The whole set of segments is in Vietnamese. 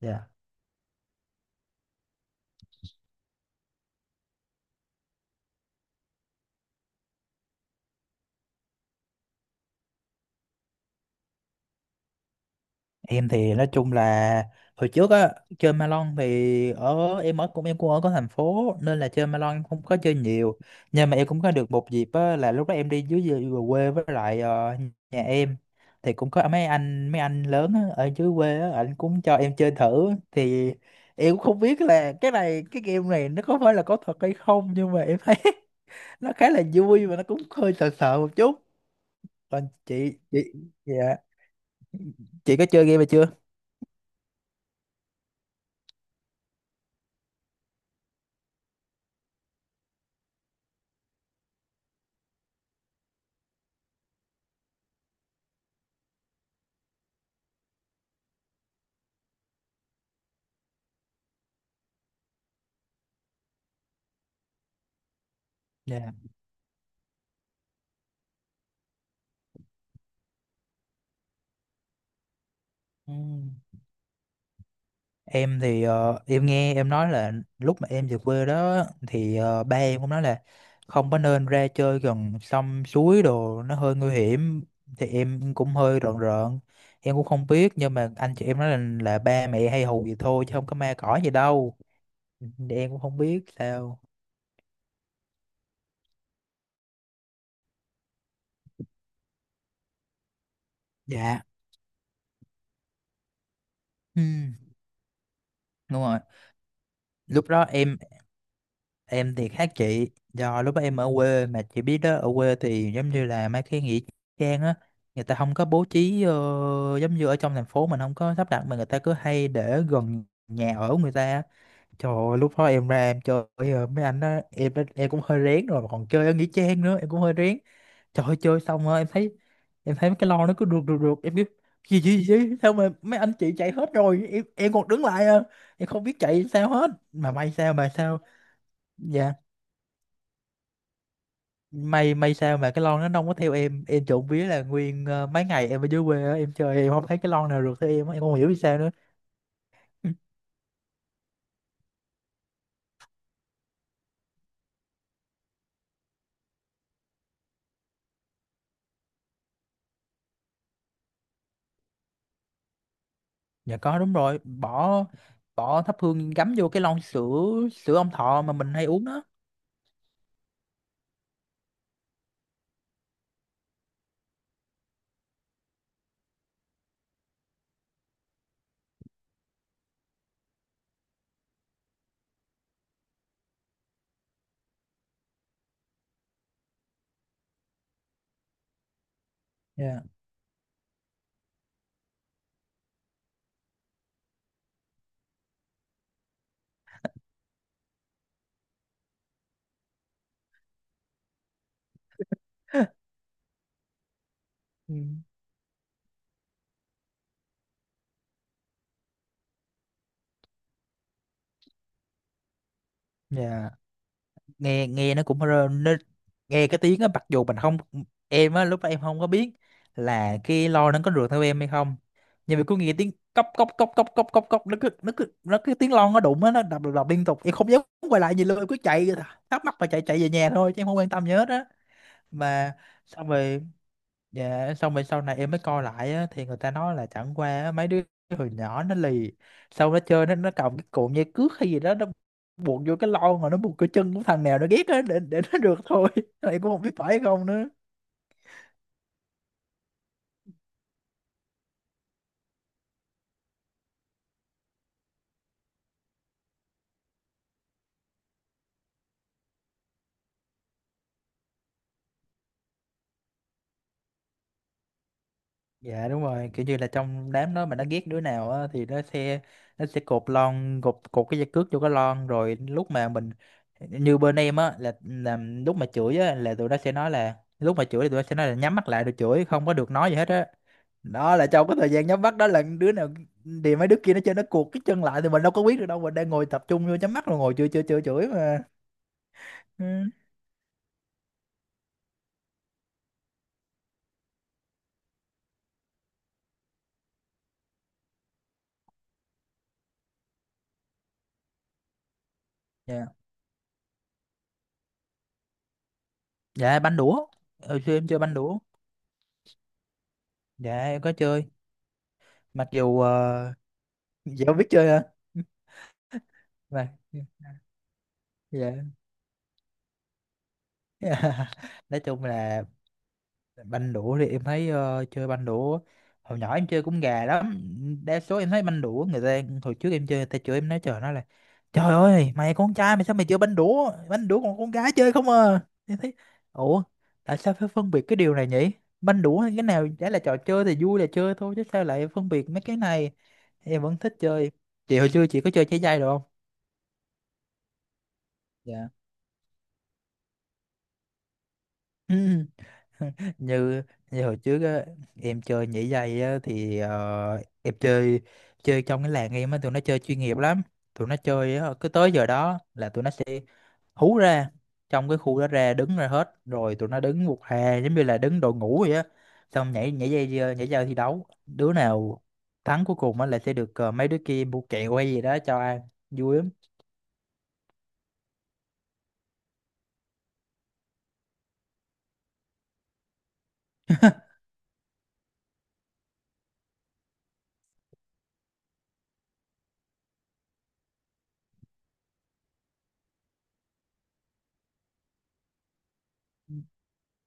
Dạ. Em thì nói chung là hồi trước á chơi Malon thì ở em ở cũng em cũng ở có thành phố nên là chơi Malon em không có chơi nhiều, nhưng mà em cũng có được một dịp á, là lúc đó em đi dưới dưới về quê, với lại nhà em thì cũng có mấy anh lớn á, ở dưới quê á anh cũng cho em chơi thử thì em cũng không biết là cái game này nó có phải là có thật hay không, nhưng mà em thấy nó khá là vui và nó cũng hơi sợ sợ một chút. Còn chị dạ, chị có chơi game này chưa? Dạ. Ừ. Em thì em nghe em nói là lúc mà em về quê đó thì ba em cũng nói là không có nên ra chơi gần sông suối đồ, nó hơi nguy hiểm, thì em cũng hơi rợn rợn. Em cũng không biết, nhưng mà anh chị em nói là ba mẹ hay hù vậy thôi chứ không có ma cỏ gì đâu. Thì em cũng không biết sao. Dạ. Ừ, đúng rồi. Lúc đó em thì khác chị, do lúc đó em ở quê. Mà chị biết đó, ở quê thì giống như là mấy cái nghĩa trang á, người ta không có bố trí giống như ở trong thành phố, mình không có sắp đặt, mà người ta cứ hay để gần nhà ở của người ta á. Trời ơi, lúc đó em ra em chơi mấy anh đó, em cũng hơi rén rồi, mà còn chơi ở nghĩa trang nữa, em cũng hơi rén. Trời ơi, chơi xong rồi em thấy mấy cái lon nó cứ rượt rượt rượt. Em cứ gì gì gì, sao mà mấy anh chị chạy hết rồi, em còn đứng lại à? Em không biết chạy sao hết. Mà may sao mà sao Dạ, may sao mà cái lon nó không có theo em. Em trộm vía là nguyên mấy ngày em ở dưới quê á, em chơi em không thấy cái lon nào được theo em á, em không hiểu vì sao nữa. Dạ có, đúng rồi, bỏ bỏ thắp hương gắm vô cái lon sữa sữa Ông Thọ mà mình hay uống đó. Dạ. Ừ. Dạ, nghe nghe nó cũng nó, nghe cái tiếng á, mặc dù mình không. Em á lúc đó em không có biết là cái lo nó có rượt theo em hay không, nhưng mà cứ nghe tiếng cốc cốc cốc cốc cốc cốc cốc, nó cứ tiếng lon nó đụng á, nó đập đập đập liên tục, em không dám quay lại gì luôn, em cứ chạy thắc mắc và chạy chạy về nhà thôi chứ em không quan tâm gì hết á. Mà xong rồi. Dạ, xong rồi sau này em mới coi lại á, thì người ta nói là chẳng qua á, mấy đứa hồi nhỏ nó lì, xong nó chơi, nó cầm cái cụm dây cước hay gì đó, nó buộc vô cái lon, rồi nó buộc cái chân của thằng nào nó ghét á, để nó được thôi. Em cũng không biết phải không nữa. Dạ, đúng rồi, kiểu như là trong đám đó mà nó ghét đứa nào á, thì nó sẽ, nó sẽ cột lon cột cột cái dây cước vô cái lon, rồi lúc mà mình, như bên em á là lúc mà chửi á là tụi nó sẽ nói là lúc mà chửi thì tụi nó sẽ nói là nhắm mắt lại rồi chửi, không có được nói gì hết á. Đó là trong cái thời gian nhắm mắt đó là đứa nào thì mấy đứa kia nó chơi, nó cuột cái chân lại thì mình đâu có biết được đâu, mình đang ngồi tập trung vô nhắm mắt rồi ngồi chơi chơi chơi chửi mà. Ừ. Dạ, dạ, banh đũa. Hồi xưa em chơi banh đũa. Dạ, em có chơi, mặc dù dạ, không biết chơi hả? Mà dạ. Nói chung là banh đũa thì em thấy, chơi banh đũa hồi nhỏ em chơi cũng gà lắm. Đa số em thấy banh đũa, người ta hồi trước em chơi, người ta chửi em, nói trời, nó là trời ơi, mày con trai mày sao mày chơi banh đũa? Banh đũa còn con gái chơi không à? Em thấy, ủa, tại sao phải phân biệt cái điều này nhỉ? Banh đũa hay cái nào chả là trò chơi, thì vui là chơi thôi chứ sao lại phân biệt mấy cái này. Em vẫn thích chơi. Chị hồi xưa chị có chơi trái dây được không? Dạ. Ừ. như như hồi trước á, em chơi nhảy dây á, thì em chơi chơi trong cái làng em á, tụi nó chơi chuyên nghiệp lắm. Tụi nó chơi á, cứ tới giờ đó là tụi nó sẽ hú ra, trong cái khu đó ra đứng ra hết rồi, tụi nó đứng một hè giống như là đứng đội ngũ vậy á, xong nhảy nhảy dây, nhảy dây thi đấu, đứa nào thắng cuối cùng á là sẽ được mấy đứa kia mua kẹo hay gì đó cho ăn, vui lắm.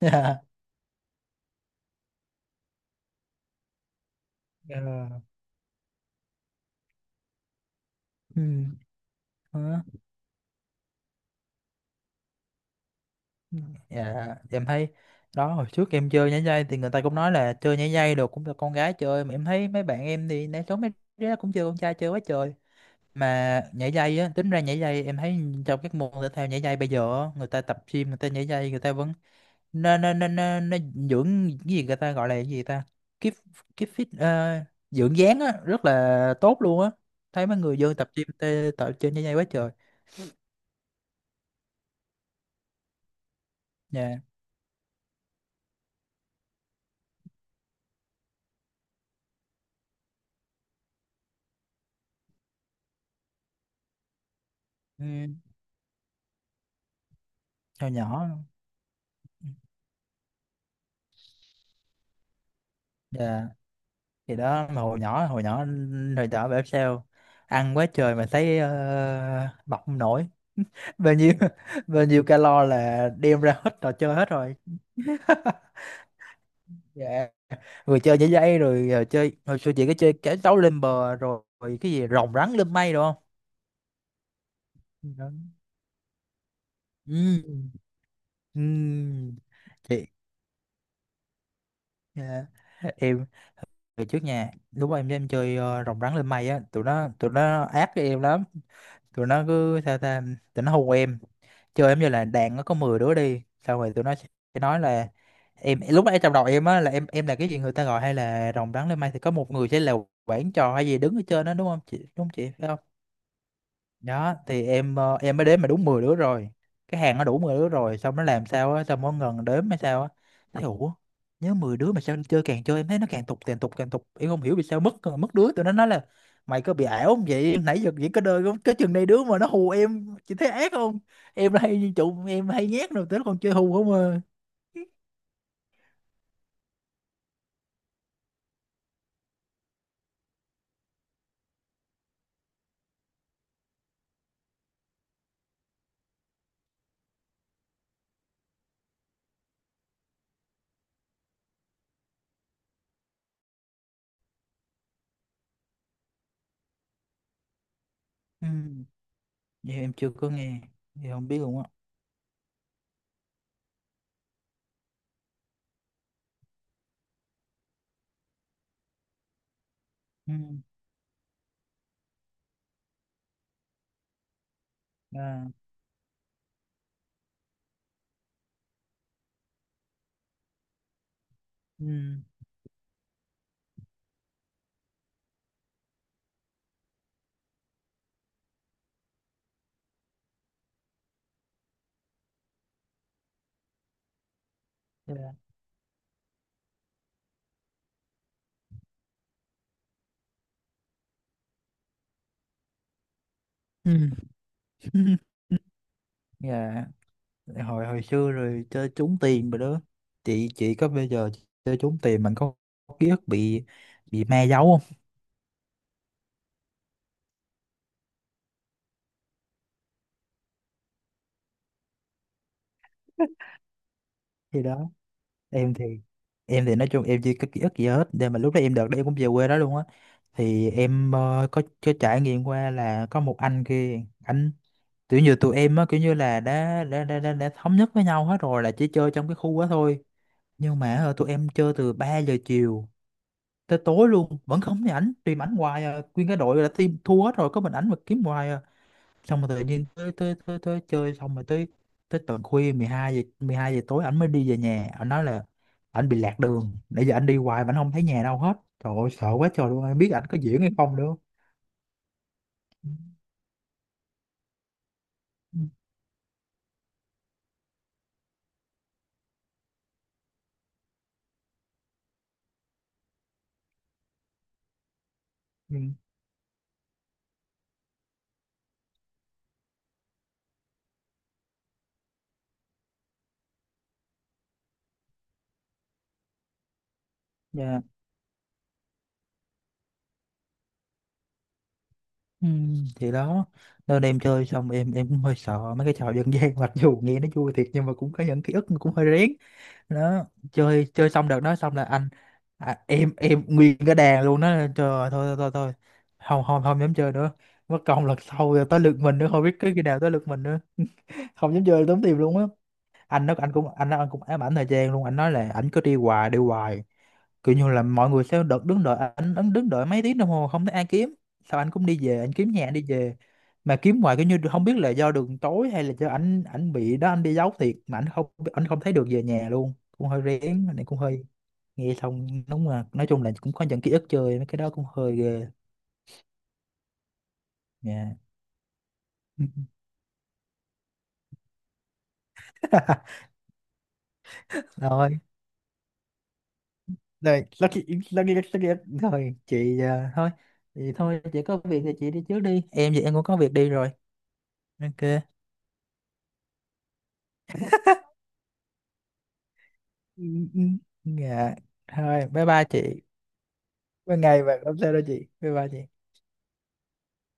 Yeah. Ờ. Ừ. Đó. Dạ, em thấy đó, hồi trước em chơi nhảy dây thì người ta cũng nói là chơi nhảy dây đồ cũng là con gái chơi, mà em thấy mấy bạn em thì né số, mấy đứa cũng chơi, con trai chơi quá trời. Mà nhảy dây á, tính ra nhảy dây em thấy, trong các môn thể thao nhảy dây bây giờ á, người ta tập gym người ta nhảy dây, người ta vẫn, nên nên nên nên nên dưỡng, cái gì người ta gọi là, cái gì ta, keep keep fit, dưỡng dáng á, rất là tốt luôn á. Thấy mấy người dân tập gym tập chơi nhảy dây quá trời. Dạ. Ừ, hồi nhỏ. Dạ, thì đó, mà hồi nhỏ bảo sao ăn quá trời mà thấy mập không nổi. Bao nhiêu. Bao nhiêu calo là đem ra hết trò chơi hết rồi. Dạ, vừa chơi nhảy dây rồi, chơi hồi xưa chị có chơi cái đấu lên bờ rồi cái gì rồng rắn lên mây đúng không? Đó. Ừ. Ừ. Chị. Dạ. Em về trước nhà lúc mà em chơi rồng rắn lên mây á, tụi nó ác với em lắm. Tụi nó cứ sao ta, tụi nó hù em, chơi em như là đàn, nó có 10 đứa đi, xong rồi tụi nó sẽ nói là, em lúc nãy trong đầu em á là em là cái gì người ta gọi hay là rồng rắn lên mây thì có một người sẽ là quản trò hay gì đứng ở trên đó đúng không chị, đúng không chị? Phải không? Đó thì em, em mới đếm mà đúng 10 đứa rồi. Cái hàng nó đủ 10 đứa rồi, xong nó làm sao á, xong nó ngần đếm hay sao á, thấy ủa, nhớ 10 đứa mà sao chơi, càng chơi em thấy nó càng tục càng tục càng tục, em không hiểu vì sao mất mất đứa. Tụi nó nói là mày có bị ảo không vậy, nãy giờ chỉ có đời cái chừng này đứa, mà nó hù em, chị thấy ác không? Em là hay như trụ, em hay nhát rồi tới còn chơi hù không à? Ừ. Vậy em chưa có nghe thì không biết luôn á. Ừ. À. Ừ. Dạ. Ừ. Dạ. hồi hồi xưa rồi chơi trúng tiền rồi đó. Chị có bây giờ, chơi trúng tiền mình có ký ức bị ma giấu không? Thì đó, em thì em thì nói chung em chưa có ký ức gì hết, nhưng mà lúc đó em, đợt đó em cũng về quê đó luôn á, thì em có trải nghiệm qua là có một anh kia anh, kiểu như tụi em á, kiểu như là đã thống nhất với nhau hết rồi là chỉ chơi trong cái khu đó thôi, nhưng mà tụi em chơi từ 3 giờ chiều tới tối luôn, vẫn không thấy ảnh, tìm ảnh hoài à. Nguyên cái đội là team thua hết rồi có mình ảnh mà kiếm hoài à. Xong rồi tự nhiên tới, tới chơi xong rồi, tới tới tận khuya 12 giờ, tối ảnh mới đi về nhà, ảnh nói là ảnh bị lạc đường, nãy giờ ảnh đi hoài mà ảnh không thấy nhà đâu hết. Trời ơi, sợ quá trời luôn, ai biết ảnh có diễn hay không nữa. Ừ. Ừ. Dạ. Ừ. Thì đó, nên em chơi xong, em cũng hơi sợ mấy cái trò dân gian, mặc dù nghe nó vui thiệt nhưng mà cũng có những ký ức cũng hơi rén. Đó, chơi chơi xong đợt đó, xong là anh, à, em nguyên cái đàn luôn đó. Trời ơi, thôi thôi thôi thôi. Không, không, không dám chơi nữa, mất công lần sau rồi tới lượt mình nữa, không biết cái khi nào tới lượt mình nữa. Không dám chơi, tốn tiền luôn á. Anh nó cũng ám ảnh thời gian luôn, anh nói là ảnh cứ đi hoài đi hoài, kiểu như là mọi người sẽ đợt đứng đợi anh đứng đợi mấy tiếng đồng hồ không thấy ai kiếm, sao anh cũng đi về, anh kiếm nhà anh đi về mà kiếm hoài, kiểu như không biết là do đường tối hay là do ảnh ảnh bị đó, anh đi giấu thiệt mà anh không thấy được về nhà luôn, cũng hơi rén này, cũng hơi nghe xong, đúng là nói chung là cũng có những ký ức chơi mấy cái đó cũng hơi ghê nha. Rồi. Đây, lát kia, lát kia, lát kia. Thôi, chị à, thôi. Thì thôi, chị có việc thì chị đi trước đi. Em thì em cũng có việc đi rồi. Ok. Ừ, ừ. Dạ. Thôi, bye bye chị. Bye ngày và không sao đâu chị. Bye bye chị.